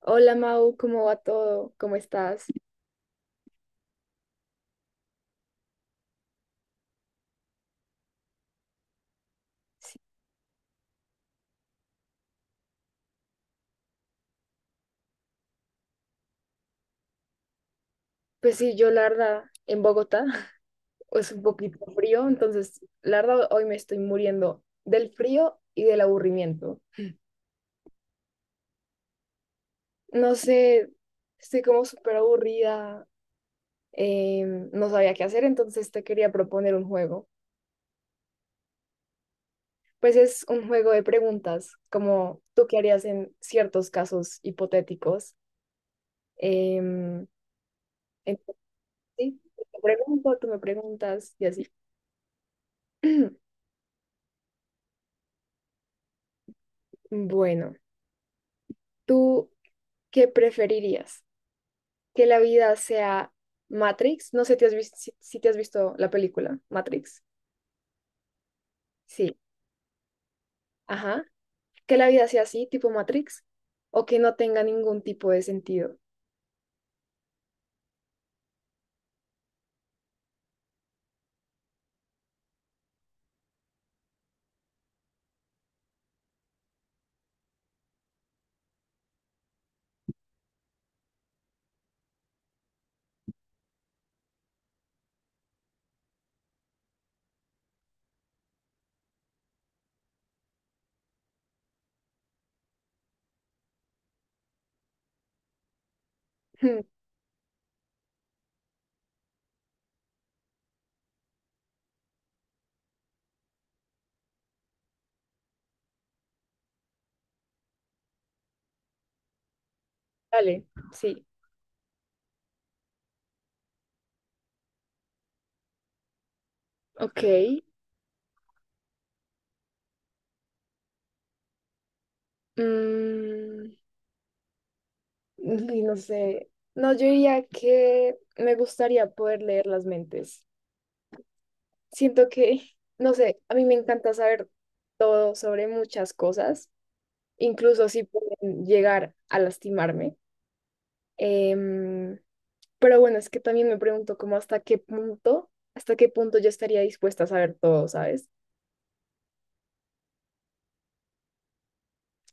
Hola Mau, ¿cómo va todo? ¿Cómo estás? Pues sí, yo la verdad, en Bogotá es un poquito frío, entonces la verdad hoy me estoy muriendo del frío y del aburrimiento. No sé, estoy como súper aburrida, eh, no sabía qué hacer, entonces te quería proponer un juego. Pues es un juego de preguntas, como tú qué harías en ciertos casos hipotéticos. Em, entonces, sí, te pregunto, tú me preguntas y así. Bueno. ¿Tú qué preferirías? ¿Que la vida sea Matrix? No sé te has si, si te has visto la película Matrix. Sí, ajá. ¿Que la vida sea así, tipo Matrix? ¿O que no tenga ningún tipo de sentido? Hmm, dale, sí. Ok. Mm, y no sé. No, yo diría que me gustaría poder leer las mentes. Siento que, no sé, a mí me encanta saber todo sobre muchas cosas incluso sí pueden llegar a lastimarme. Em, pero bueno, es que también me pregunto como hasta qué punto yo estaría dispuesta a saber todo, ¿sabes?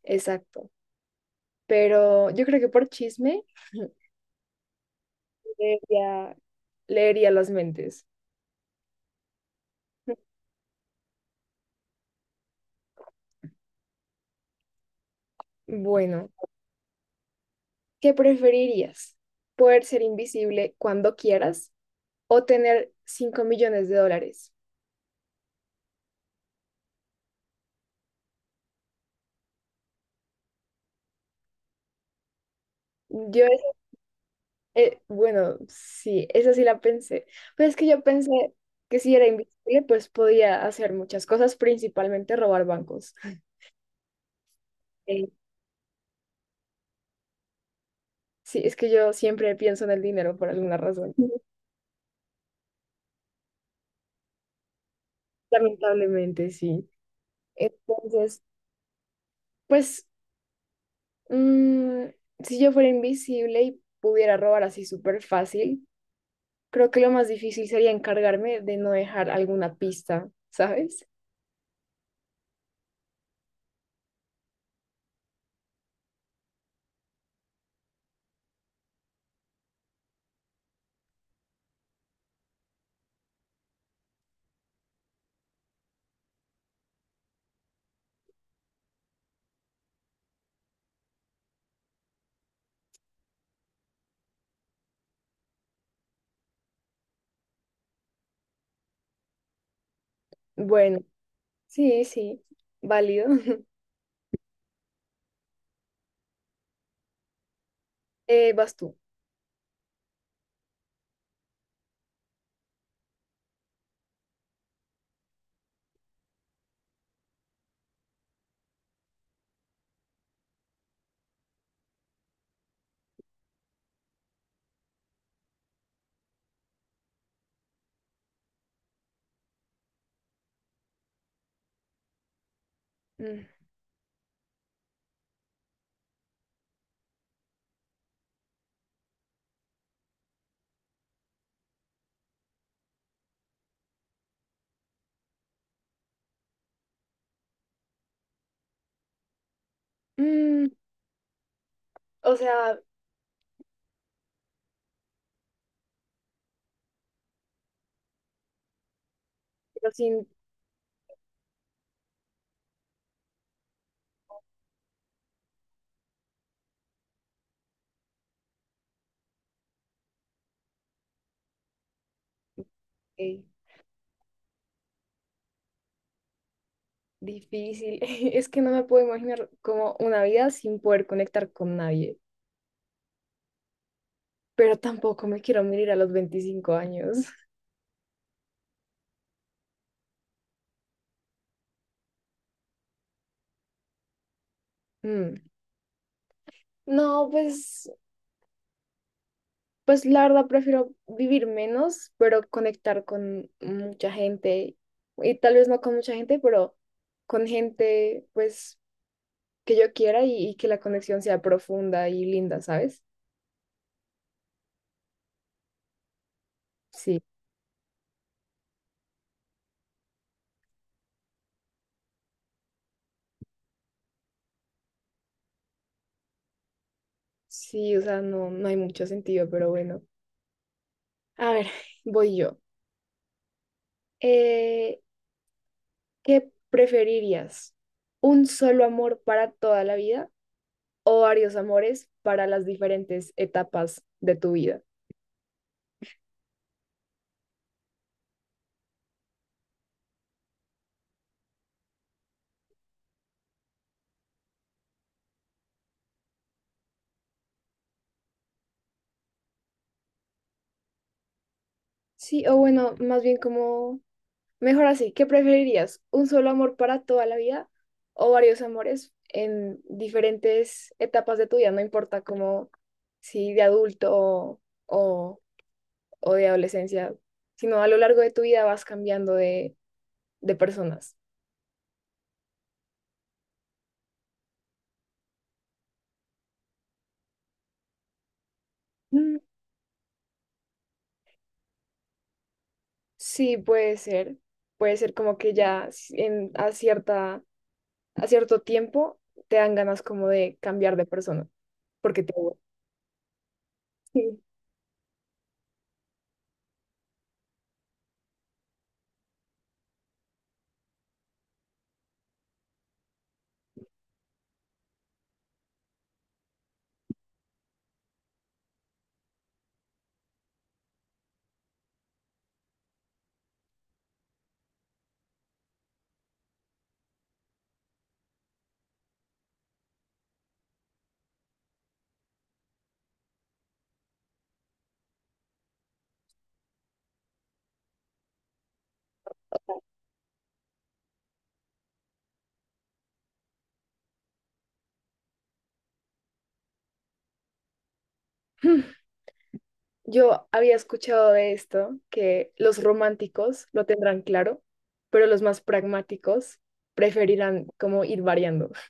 Exacto. Pero yo creo que por chisme leería, leería las mentes. Bueno, ¿qué preferirías? ¿Poder ser invisible cuando quieras o tener $5 millones? Yo bueno, sí, esa sí la pensé. Pero es que yo pensé que si era invisible, pues podía hacer muchas cosas, principalmente robar bancos. Eh, sí, es que yo siempre pienso en el dinero por alguna razón. Lamentablemente, sí. Entonces, pues, mm, si yo fuera invisible y pudiera robar así súper fácil, creo que lo más difícil sería encargarme de no dejar alguna pista, ¿sabes? Bueno, sí, sí, válido. Vas tú. Mm, o sea, pero sin eh, difícil. Es que no me puedo imaginar como una vida sin poder conectar con nadie. Pero tampoco me quiero morir a los 25 años. Mm. No, pues, pues la verdad prefiero vivir menos, pero conectar con mucha gente. Y tal vez no con mucha gente, pero con gente, pues, que yo quiera y que la conexión sea profunda y linda, ¿sabes? Sí, sí, o sea, no, no hay mucho sentido, pero bueno. A ver, voy yo. Eh, ¿Qué preferirías? ¿Un solo amor para toda la vida o varios amores para las diferentes etapas de tu vida? Sí, o bueno, más bien como, mejor así, ¿qué preferirías? ¿Un solo amor para toda la vida o varios amores en diferentes etapas de tu vida? No importa como si de adulto o, o de adolescencia, sino a lo largo de tu vida vas cambiando de personas. Sí, puede ser. Puede ser como que ya en, a cierta, a cierto tiempo te dan ganas como de cambiar de persona, porque te aburre. Sí. Yo había escuchado de esto, que los románticos lo tendrán claro, pero los más pragmáticos preferirán como ir variando.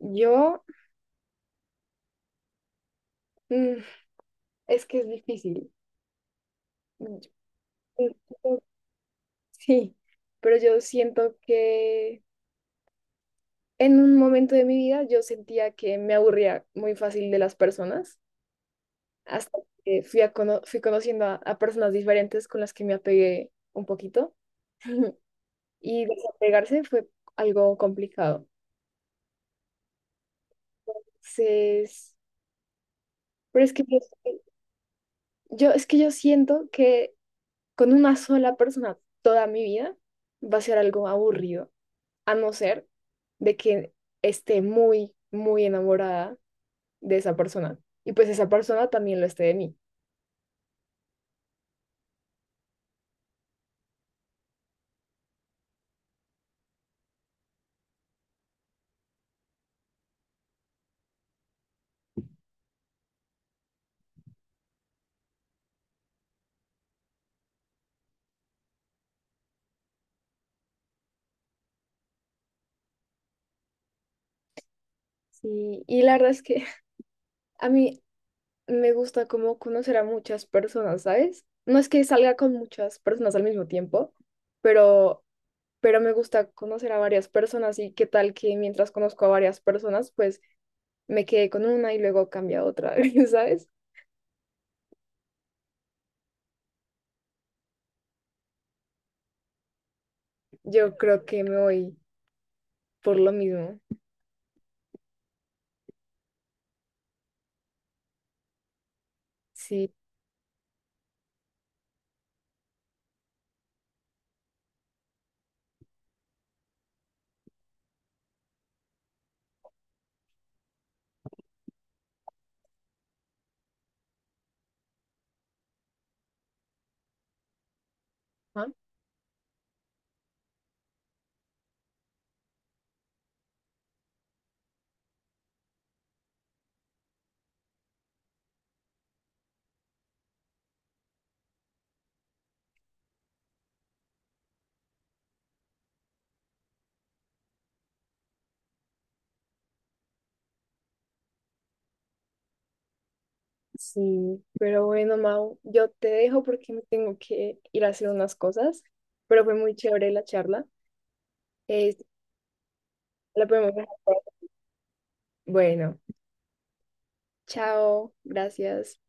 Yo, mm, es que es difícil. Mm, Sí, pero yo siento que en un momento de mi vida yo sentía que me aburría muy fácil de las personas, hasta que fui, a fui conociendo a personas diferentes con las que me apegué un poquito y desapegarse fue algo complicado. Entonces, pero es que yo, es que yo siento que con una sola persona toda mi vida va a ser algo aburrido, a no ser de que esté muy, muy enamorada de esa persona y pues esa persona también lo esté de mí. Sí, y la verdad es que a mí me gusta como conocer a muchas personas, ¿sabes? No es que salga con muchas personas al mismo tiempo, pero, pero me gusta conocer a varias personas y qué tal que mientras conozco a varias personas, pues me quedé con una y luego cambia a otra, ¿sabes? Yo creo que me voy por lo mismo. Sí, ¿no? Sí, pero bueno, Mau, yo te dejo porque me tengo que ir a hacer unas cosas, pero fue muy chévere la charla. Eh, la podemos dejar. Bueno. Chao, gracias.